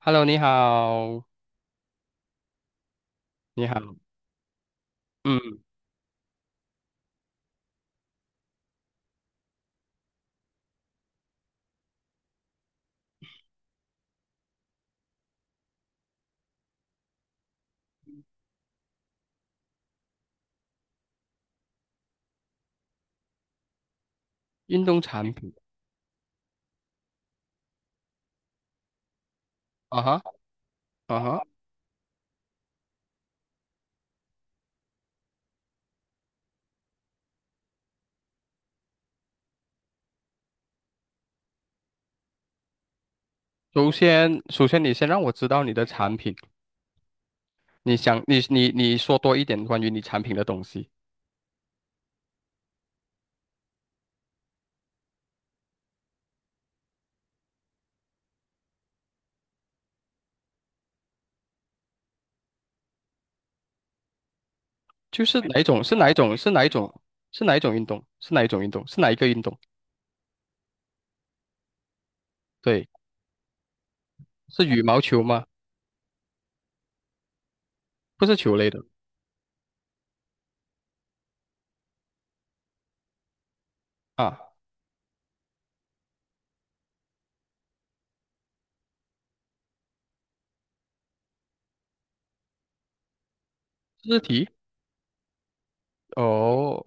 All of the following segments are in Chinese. Hello，你好，你好，嗯，运动产品，啊哈，啊哈。首先，你先让我知道你的产品，你说多一点关于你产品的东西，就是哪一种，是哪一种，是哪一种，是哪一种运动，是哪一种运动，是哪一个运动？对，是羽毛球吗？不是球类的啊，肢体，哦，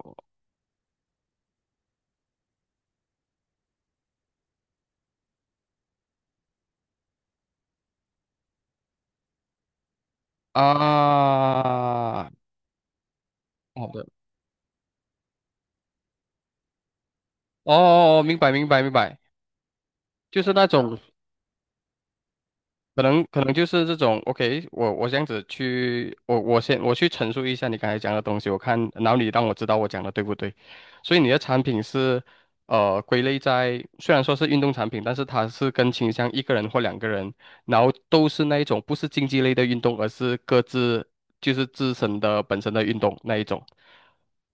啊，好的，哦，明白，明白，明白，就是那种可能就是这种，OK，我这样子去，我先去陈述一下你刚才讲的东西，我看，然后你让我知道我讲的对不对。所以你的产品是，归类在虽然说是运动产品，但是它是更倾向一个人或两个人，然后都是那一种不是竞技类的运动，而是各自就是自身的本身的运动那一种，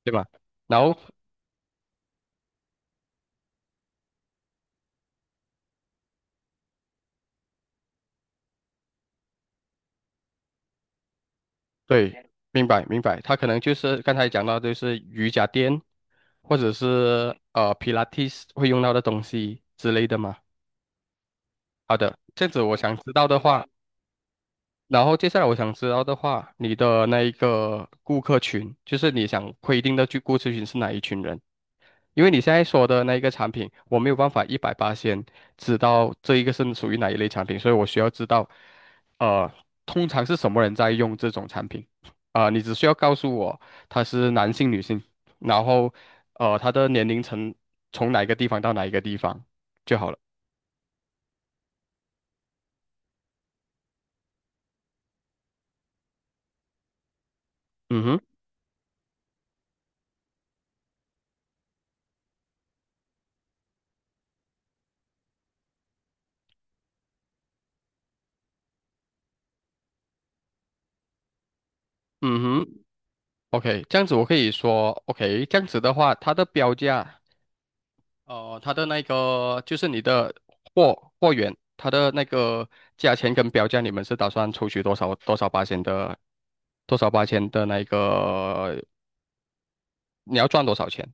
对吧？然后对，明白明白，他可能就是刚才讲到，就是瑜伽垫，或者是皮拉提会用到的东西之类的嘛。好的，这样子我想知道的话，然后接下来我想知道的话，你的那一个顾客群，就是你想规定的去顾客群是哪一群人？因为你现在说的那一个产品，我没有办法一百八先知道这一个是属于哪一类产品，所以我需要知道，呃，通常是什么人在用这种产品，你只需要告诉我他是男性、女性，然后，他的年龄层从哪一个地方到哪一个地方就好了。嗯哼，嗯哼，OK，这样子我可以说，OK，这样子的话，它的标价。哦，它的那个就是你的货源，它的那个价钱跟标价，你们是打算抽取多少八千的，多少八千的那个，你要赚多少钱？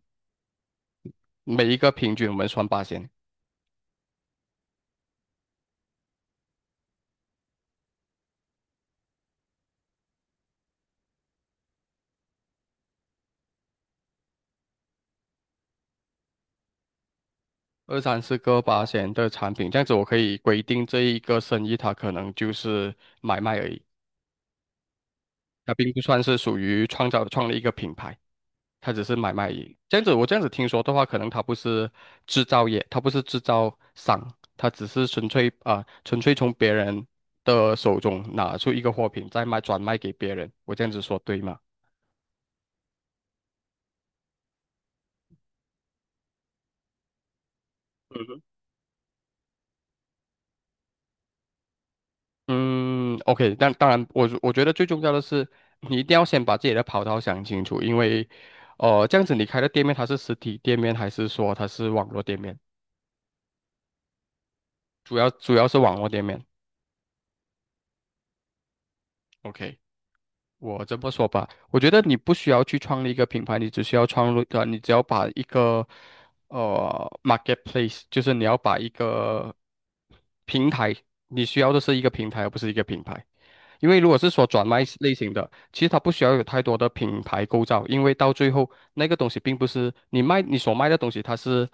每一个平均我们算八千，二三四个八千的产品，这样子我可以规定这一个生意它可能就是买卖而已，它并不算是属于创立一个品牌。它只是买卖而已这样子，我这样子听说的话，可能它不是制造业，它不是制造商，它只是纯粹从别人的手中拿出一个货品，转卖给别人。我这样子说对吗？嗯哼，嗯，OK，但当然，我觉得最重要的是，你一定要先把自己的跑道想清楚，因为，这样子你开的店面它是实体店面还是说它是网络店面？主要是网络店面。OK。我这么说吧，我觉得你不需要去创立一个品牌，你只要把一个marketplace，平台，你需要的是一个平台，而不是一个品牌。因为如果是说转卖类型的，其实它不需要有太多的品牌构造，因为到最后那个东西并不是你所卖的东西，它是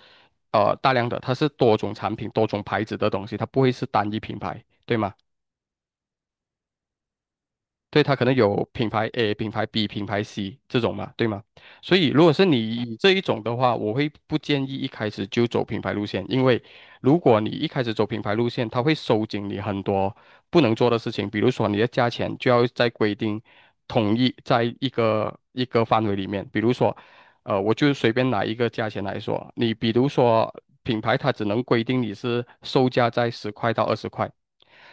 大量的，它是多种产品、多种牌子的东西，它不会是单一品牌，对吗？对，它可能有品牌 A、品牌 B、品牌 C 这种嘛，对吗？所以如果是你以这一种的话，我会不建议一开始就走品牌路线，因为如果你一开始走品牌路线，它会收紧你很多不能做的事情，比如说你的价钱就要在规定统一在一个一个范围里面，比如说，我就随便拿一个价钱来说，你比如说品牌它只能规定你是售价在十块到二十块。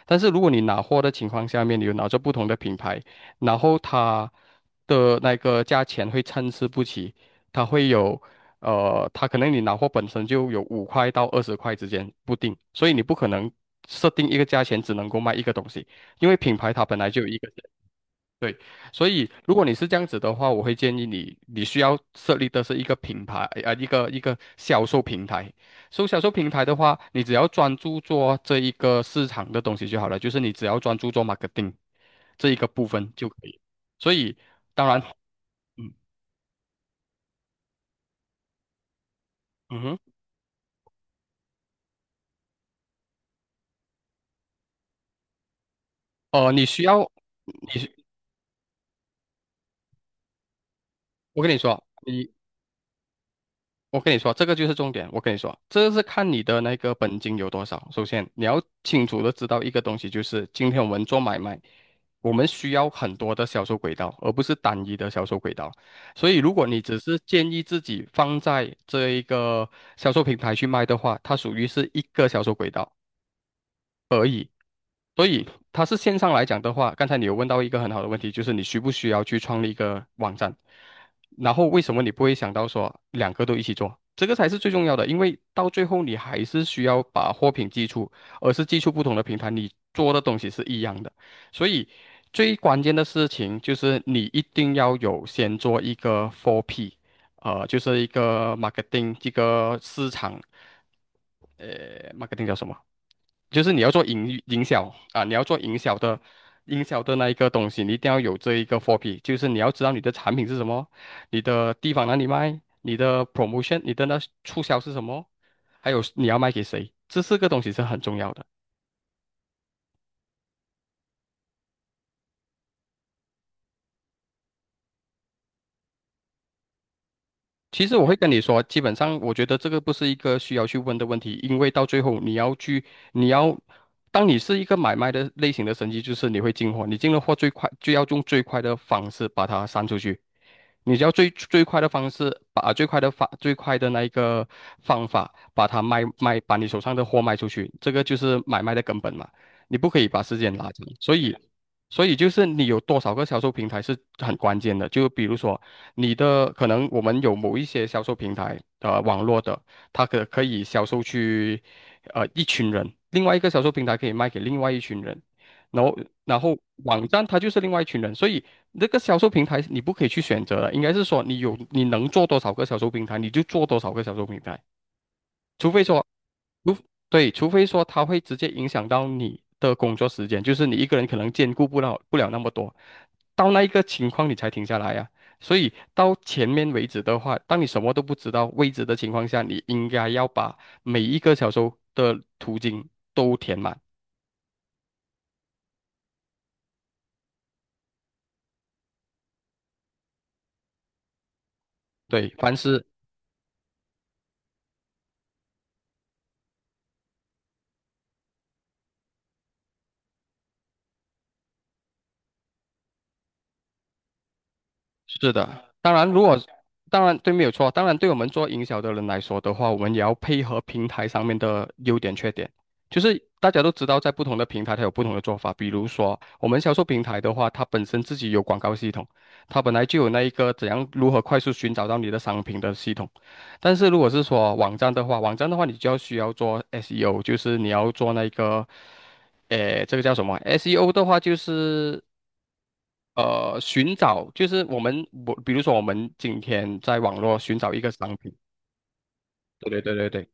但是如果你拿货的情况下面，你有拿着不同的品牌，然后它的那个价钱会参差不齐，它会有，它可能你拿货本身就有5块到二十块之间不定，所以你不可能设定一个价钱只能够卖一个东西，因为品牌它本来就有一个。对，所以如果你是这样子的话，我会建议你，你需要设立的是一个品牌，啊、一个销售平台。所以销售平台的话，你只要专注做这一个市场的东西就好了，就是你只要专注做 marketing 这一个部分就可以。所以，当然，嗯嗯哼，你需要你，我跟你说，你我跟你说，这个就是重点。我跟你说，这是看你的那个本金有多少。首先，你要清楚的知道一个东西，就是今天我们做买卖，我们需要很多的销售轨道，而不是单一的销售轨道。所以，如果你只是建议自己放在这一个销售平台去卖的话，它属于是一个销售轨道；所以它是线上来讲的话，刚才你有问到一个很好的问题，就是你需不需要去创立一个网站？然后为什么你不会想到说两个都一起做？这个才是最重要的，因为到最后你还是需要把货品寄出，而是寄出不同的平台，你做的东西是一样的。所以最关键的事情就是你一定要有先做一个 4P，就是一个 marketing 这个市场，呃，marketing 叫什么？就是你要做营销啊，你要做营销的那一个东西，你一定要有这一个货 p 就是你要知道你的产品是什么，你的地方哪里卖，你的 promotion，你的那促销是什么，还有你要卖给谁，这四个东西是很重要的。其实我会跟你说，基本上我觉得这个不是一个需要去问的问题，因为到最后你要去，你要，当你是一个买卖的类型的生意，就是你会进货，你进了货最快就要用最快的方式把它散出去。你只要最快的方式，把最快的那一个方法，把它卖卖，把你手上的货卖出去，这个就是买卖的根本嘛。你不可以把时间拉长，所以，就是你有多少个销售平台是很关键的。就比如说可能我们有某一些销售平台，网络的，它可以销售去，一群人，另外一个销售平台可以卖给另外一群人。然后然后网站它就是另外一群人，所以那个销售平台你不可以去选择的，应该是说你能做多少个销售平台，你就做多少个销售平台，除非说对，除非说它会直接影响到你的工作时间，就是你一个人可能兼顾不了那么多，到那一个情况你才停下来呀、所以到前面为止的话，当你什么都不知道位置的情况下，你应该要把每一个销售的途径都填满。对，是的，当然，当然对，没有错。当然，对我们做营销的人来说的话，我们也要配合平台上面的优点缺点。就是大家都知道，在不同的平台它有不同的做法。比如说，我们销售平台的话，它本身自己有广告系统，它本来就有那一个如何快速寻找到你的商品的系统。但是如果是说网站的话，你就需要做 SEO，就是你要做那个，诶，这个叫什么？SEO 的话就是寻找就是我们我，比如说我们今天在网络寻找一个商品，对对对对对，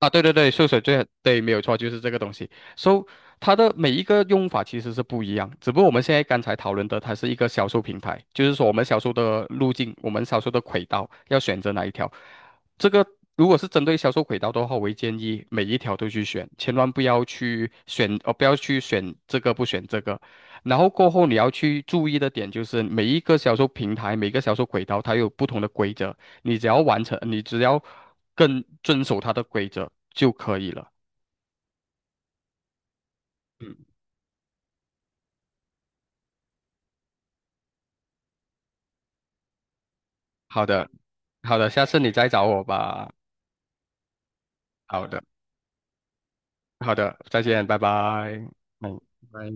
啊，对对对，秀水最对，没有错，就是这个东西。So，它的每一个用法其实是不一样，只不过我们现在刚才讨论的，它是一个销售平台，就是说我们销售的路径，我们销售的轨道要选择哪一条。这个如果是针对销售轨道的话，我会建议每一条都去选，千万不要去选，呃，不要去选这个不选这个。然后过后你要去注意的点就是每一个销售平台，每一个销售轨道，它有不同的规则。你只要更遵守它的规则就可以了。嗯，好的，好的，下次你再找我吧。好的，好的，再见，拜拜。嗯。拜。